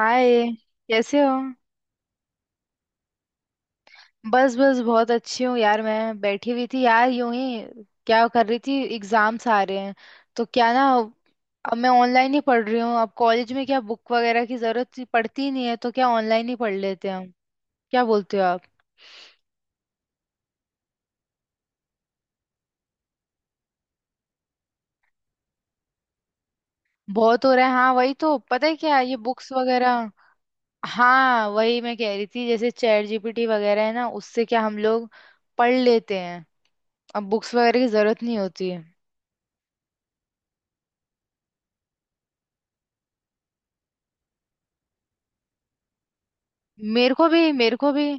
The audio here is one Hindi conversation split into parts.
हाय। कैसे हो? बस बस बहुत अच्छी हूँ यार, मैं बैठी हुई थी यार यूं ही। क्या कर रही थी? एग्जाम्स आ रहे हैं तो क्या ना, अब मैं ऑनलाइन ही पढ़ रही हूँ। अब कॉलेज में क्या बुक वगैरह की जरूरत ही पड़ती ही नहीं है, तो क्या ऑनलाइन ही पढ़ लेते हैं हम। क्या बोलते हो आप? बहुत हो रहा है, हाँ वही तो, पता है क्या ये बुक्स वगैरह। हाँ, वही मैं कह रही थी, जैसे चैट जीपीटी वगैरह है ना, उससे क्या हम लोग पढ़ लेते हैं। अब बुक्स वगैरह की जरूरत नहीं होती। मेरे को भी।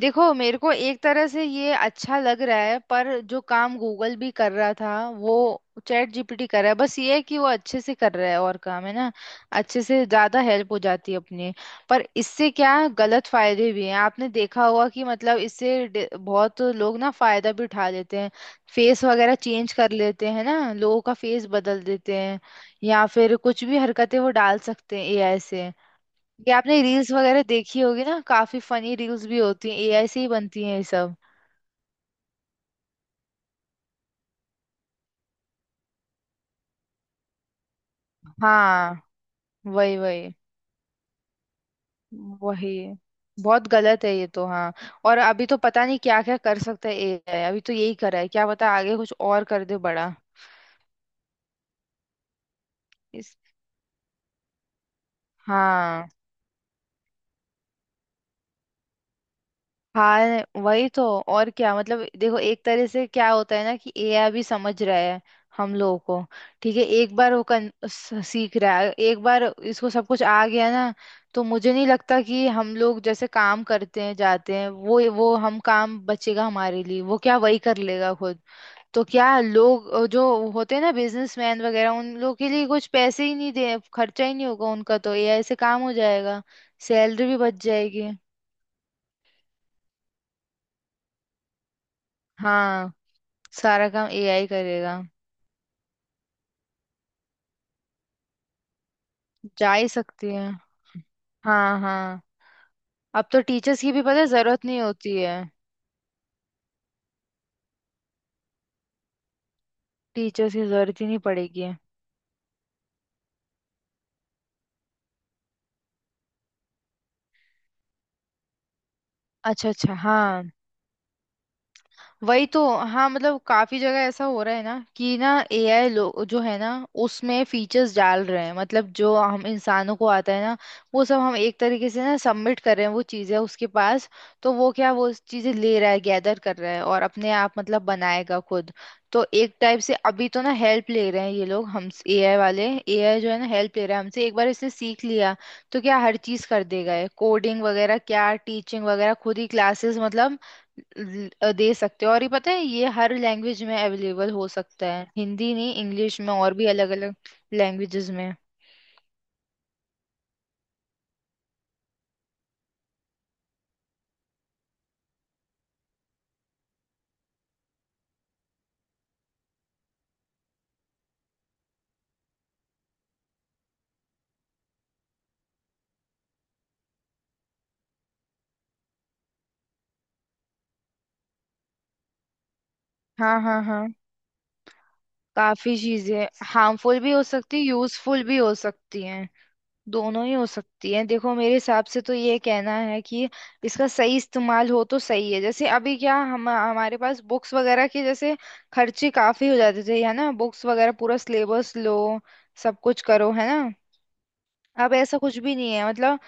देखो मेरे को एक तरह से ये अच्छा लग रहा है, पर जो काम गूगल भी कर रहा था वो चैट जीपीटी कर रहा है। बस ये है कि वो अच्छे से कर रहा है, और काम है ना अच्छे से, ज्यादा हेल्प हो जाती है अपने। पर इससे क्या, गलत फायदे भी हैं। आपने देखा होगा कि मतलब इससे बहुत लोग ना फायदा भी उठा लेते हैं। फेस वगैरह चेंज कर लेते हैं ना, लोगों का फेस बदल देते हैं। या फिर कुछ भी हरकतें वो डाल सकते हैं एआई से। ये आपने रील्स वगैरह देखी होगी ना, काफी फनी रील्स भी होती हैं, एआई से ही बनती हैं ये सब। हाँ। वही वही। वही बहुत गलत है ये तो, हाँ। और अभी तो पता नहीं क्या क्या कर सकता है एआई, अभी तो यही कर रहा है, क्या पता आगे कुछ और कर दे बड़ा। इस, हाँ। हाँ, वही तो। और क्या मतलब, देखो एक तरह से क्या होता है ना कि एआई भी समझ रहा है हम लोगों को। ठीक है, एक बार वो सीख रहा है। एक बार इसको सब कुछ आ गया ना, तो मुझे नहीं लगता कि हम लोग जैसे काम करते हैं जाते हैं वो हम काम बचेगा हमारे लिए। वो क्या, वही कर लेगा खुद। तो क्या लोग जो होते हैं ना बिजनेसमैन वगैरह, उन लोग के लिए कुछ पैसे ही नहीं दे, खर्चा ही नहीं होगा उनका, तो एआई से काम हो जाएगा। सैलरी भी बच जाएगी। हाँ, सारा काम एआई करेगा। जा ही सकती है। हाँ हाँ। अब तो टीचर्स की भी पता है जरूरत नहीं होती है। टीचर्स की जरूरत ही नहीं पड़ेगी। अच्छा अच्छा, हाँ। वही तो। हाँ मतलब काफी जगह ऐसा हो रहा है ना कि ना एआई लोग जो है ना, उसमें फीचर्स डाल रहे हैं। मतलब जो हम इंसानों को आता है ना, वो सब हम एक तरीके से ना सबमिट कर रहे हैं वो चीजें उसके पास। तो वो क्या, वो चीजें ले रहा है, गैदर कर रहा है, और अपने आप मतलब बनाएगा खुद। तो एक टाइप से अभी तो ना हेल्प ले रहे हैं ये लोग, हम एआई वाले। एआई जो है ना, हेल्प ले रहा है हमसे। एक बार इसने सीख लिया तो क्या, हर चीज कर देगा। कोडिंग वगैरह क्या, टीचिंग वगैरह खुद ही क्लासेस मतलब दे सकते हो। और ये पता है ये हर लैंग्वेज में अवेलेबल हो सकता है, हिंदी नहीं इंग्लिश में और भी अलग अलग लैंग्वेजेस में। हाँ हाँ हाँ। काफी चीजें हार्मफुल भी हो सकती है, यूजफुल भी हो सकती हैं, दोनों ही हो सकती हैं। देखो मेरे हिसाब से तो ये कहना है कि इसका सही इस्तेमाल हो तो सही है। जैसे अभी क्या, हम हमारे पास बुक्स वगैरह के जैसे खर्चे काफी हो जाते थे, है ना, बुक्स वगैरह पूरा सिलेबस लो, सब कुछ करो, है ना। अब ऐसा कुछ भी नहीं है। मतलब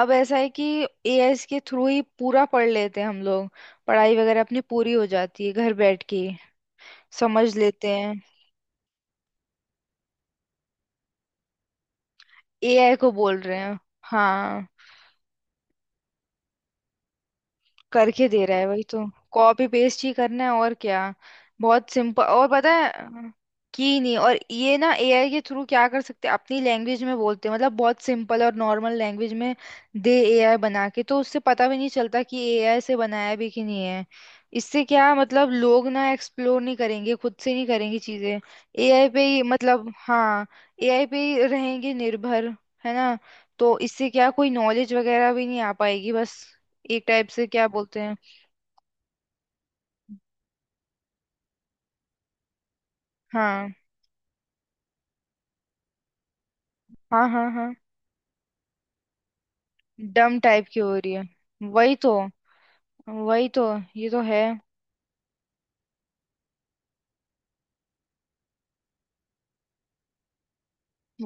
अब ऐसा है कि एआई के थ्रू ही पूरा पढ़ लेते हैं हम लोग। पढ़ाई वगैरह अपनी पूरी हो जाती है, घर बैठ के समझ लेते हैं। एआई को बोल रहे हैं। हाँ, करके दे रहा है, वही तो। कॉपी पेस्ट ही करना है और क्या। बहुत सिंपल। और पता है, की नहीं, और ये ना एआई के थ्रू क्या कर सकते हैं, अपनी लैंग्वेज में बोलते हैं, मतलब बहुत सिंपल और नॉर्मल लैंग्वेज में दे एआई बना के, तो उससे पता भी नहीं चलता कि एआई से बनाया भी कि नहीं है। इससे क्या मतलब, लोग ना एक्सप्लोर नहीं करेंगे, खुद से नहीं करेंगे चीजें। एआई पे ही मतलब, हाँ, एआई पे ही रहेंगे निर्भर, है ना। तो इससे क्या, कोई नॉलेज वगैरह भी नहीं आ पाएगी बस। एक टाइप से क्या बोलते हैं। हाँ हाँ हाँ। हाँ, डम टाइप की हो रही है, वही तो, वही तो, ये तो है,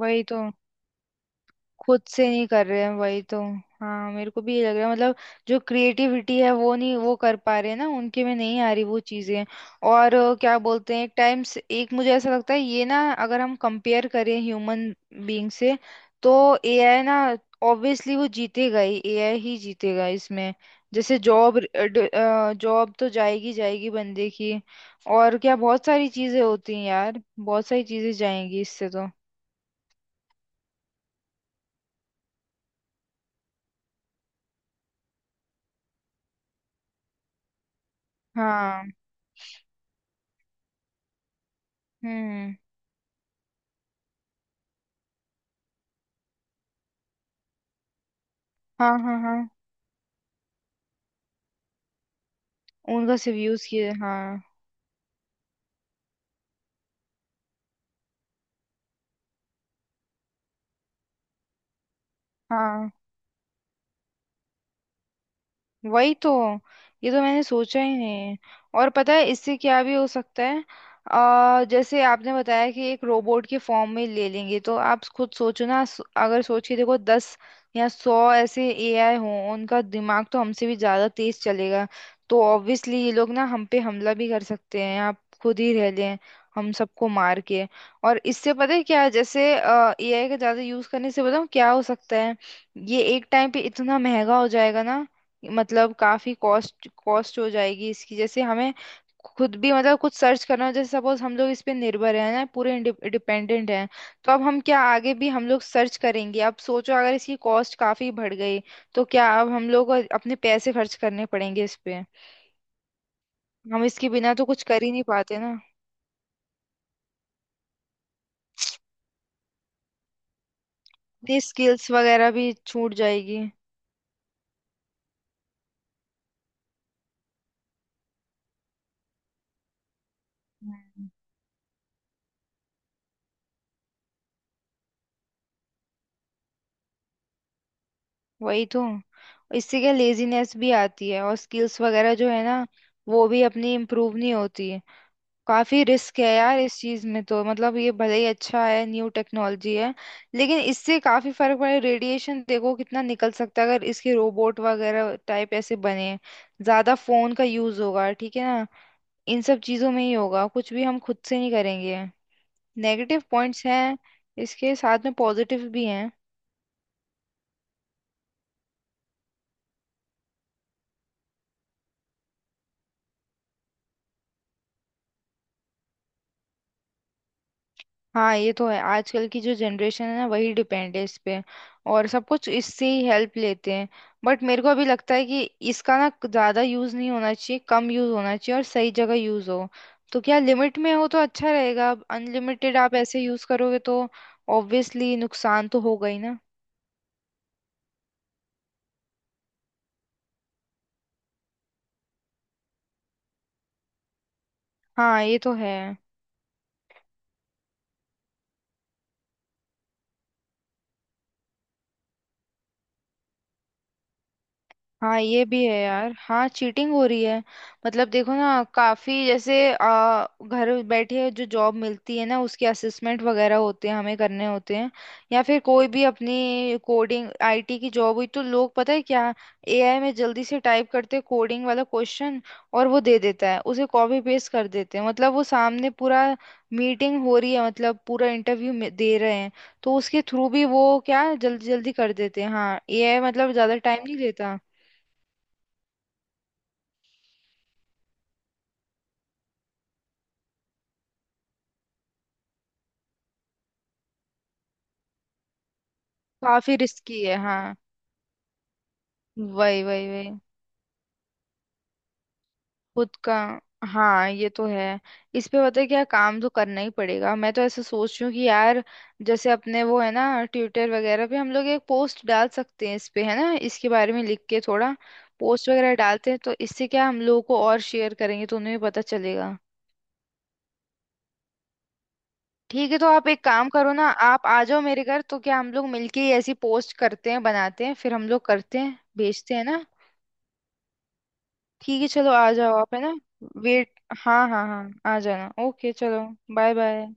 वही तो। खुद से नहीं कर रहे हैं, वही तो। हाँ, मेरे को भी ये लग रहा है। मतलब जो क्रिएटिविटी है वो नहीं, वो कर पा रहे हैं ना, उनके में नहीं आ रही वो चीजें। और क्या बोलते हैं, एक टाइम से, एक मुझे ऐसा लगता है ये ना, अगर हम कंपेयर करें ह्यूमन बीइंग से, तो एआई ना, ऑब्वियसली वो जीतेगा ही, एआई ही जीतेगा इसमें। जैसे जॉब, जॉब तो जाएगी जाएगी बंदे की। और क्या, बहुत सारी चीजें होती हैं यार, बहुत सारी चीजें जाएंगी इससे तो। हाँ। हम्म। हाँ हाँ हाँ, उनका सिर्फ यूज किए, हाँ हाँ, वही तो। ये तो मैंने सोचा ही नहीं। और पता है इससे क्या भी हो सकता है। जैसे आपने बताया कि एक रोबोट के फॉर्म में ले लेंगे, तो आप खुद सोचो ना, अगर सोच के देखो दस या सौ ऐसे एआई हों, उनका दिमाग तो हमसे भी ज्यादा तेज चलेगा। तो ऑब्वियसली ये लोग ना हम पे हमला भी कर सकते हैं, आप खुद ही रह लें, हम सबको मार के। और इससे पता है क्या है, जैसे एआई का ज्यादा यूज करने से बताऊं क्या हो सकता है। ये एक टाइम पे इतना महंगा हो जाएगा ना, मतलब काफी कॉस्ट कॉस्ट हो जाएगी इसकी। जैसे हमें खुद भी मतलब कुछ सर्च करना हो, जैसे सपोज हम लोग इस पे निर्भर हैं ना पूरे, डिपेंडेंट हैं, तो अब हम क्या आगे भी हम लोग सर्च करेंगे। अब सोचो, अगर इसकी कॉस्ट काफी बढ़ गई तो क्या अब हम लोग को अपने पैसे खर्च करने पड़ेंगे इस पे। हम इसके बिना तो कुछ कर ही नहीं पाते ना। अपनी स्किल्स वगैरह भी छूट जाएगी। हम्म। वही तो। इससे क्या लेजीनेस भी आती है, और स्किल्स वगैरह जो है ना, वो भी अपनी इम्प्रूव नहीं होती। काफी रिस्क है यार इस चीज में तो। मतलब ये भले ही अच्छा है, न्यू टेक्नोलॉजी है, लेकिन इससे काफी फर्क पड़े। रेडिएशन देखो कितना निकल सकता है अगर इसके रोबोट वगैरह टाइप ऐसे बने। ज्यादा फोन का यूज होगा, ठीक है ना। इन सब चीजों में ही होगा, कुछ भी हम खुद से नहीं करेंगे। नेगेटिव पॉइंट्स हैं, इसके साथ में पॉजिटिव भी हैं। हाँ, ये तो है। आजकल की जो जनरेशन है ना, वही डिपेंड है इस पे, और सब कुछ इससे ही हेल्प लेते हैं। बट मेरे को अभी लगता है कि इसका ना ज्यादा यूज नहीं होना चाहिए, कम यूज होना चाहिए और सही जगह यूज हो, तो क्या लिमिट में हो तो अच्छा रहेगा। अब अनलिमिटेड आप ऐसे यूज करोगे तो ऑब्वियसली नुकसान तो होगा ही ना। हाँ, ये तो है। हाँ, ये भी है यार, हाँ चीटिंग हो रही है। मतलब देखो ना काफी, जैसे घर बैठे जो जॉब मिलती है ना, उसके असेसमेंट वगैरह होते हैं हमें करने होते हैं। या फिर कोई भी अपनी कोडिंग आईटी की जॉब हुई, तो लोग पता है क्या, एआई में जल्दी से टाइप करते हैं कोडिंग वाला क्वेश्चन, और वो दे देता है, उसे कॉपी पेस्ट कर देते हैं। मतलब वो सामने पूरा मीटिंग हो रही है, मतलब पूरा इंटरव्यू दे रहे हैं, तो उसके थ्रू भी वो क्या जल्दी जल्दी कर देते हैं। हाँ एआई मतलब ज्यादा टाइम नहीं लेता। काफी रिस्की है, हाँ। वही वही वही। खुद का, हाँ ये तो है। इस पे पता है क्या, काम तो करना ही पड़ेगा। मैं तो ऐसा सोच रही हूँ कि यार, जैसे अपने वो है ना, ट्विटर वगैरह पे हम लोग एक पोस्ट डाल सकते हैं इस पे, है ना, इसके बारे में लिख के थोड़ा पोस्ट वगैरह डालते हैं, तो इससे क्या, हम लोगों को और शेयर करेंगे तो उन्हें भी पता चलेगा। ठीक है तो आप एक काम करो ना, आप आ जाओ मेरे घर, तो क्या हम लोग मिलके ही ऐसी पोस्ट करते हैं, बनाते हैं फिर हम लोग, करते हैं भेजते हैं ना। ठीक है, चलो आ जाओ आप, है ना। वेट, हाँ हाँ हाँ आ जाना, ओके चलो। Bye bye.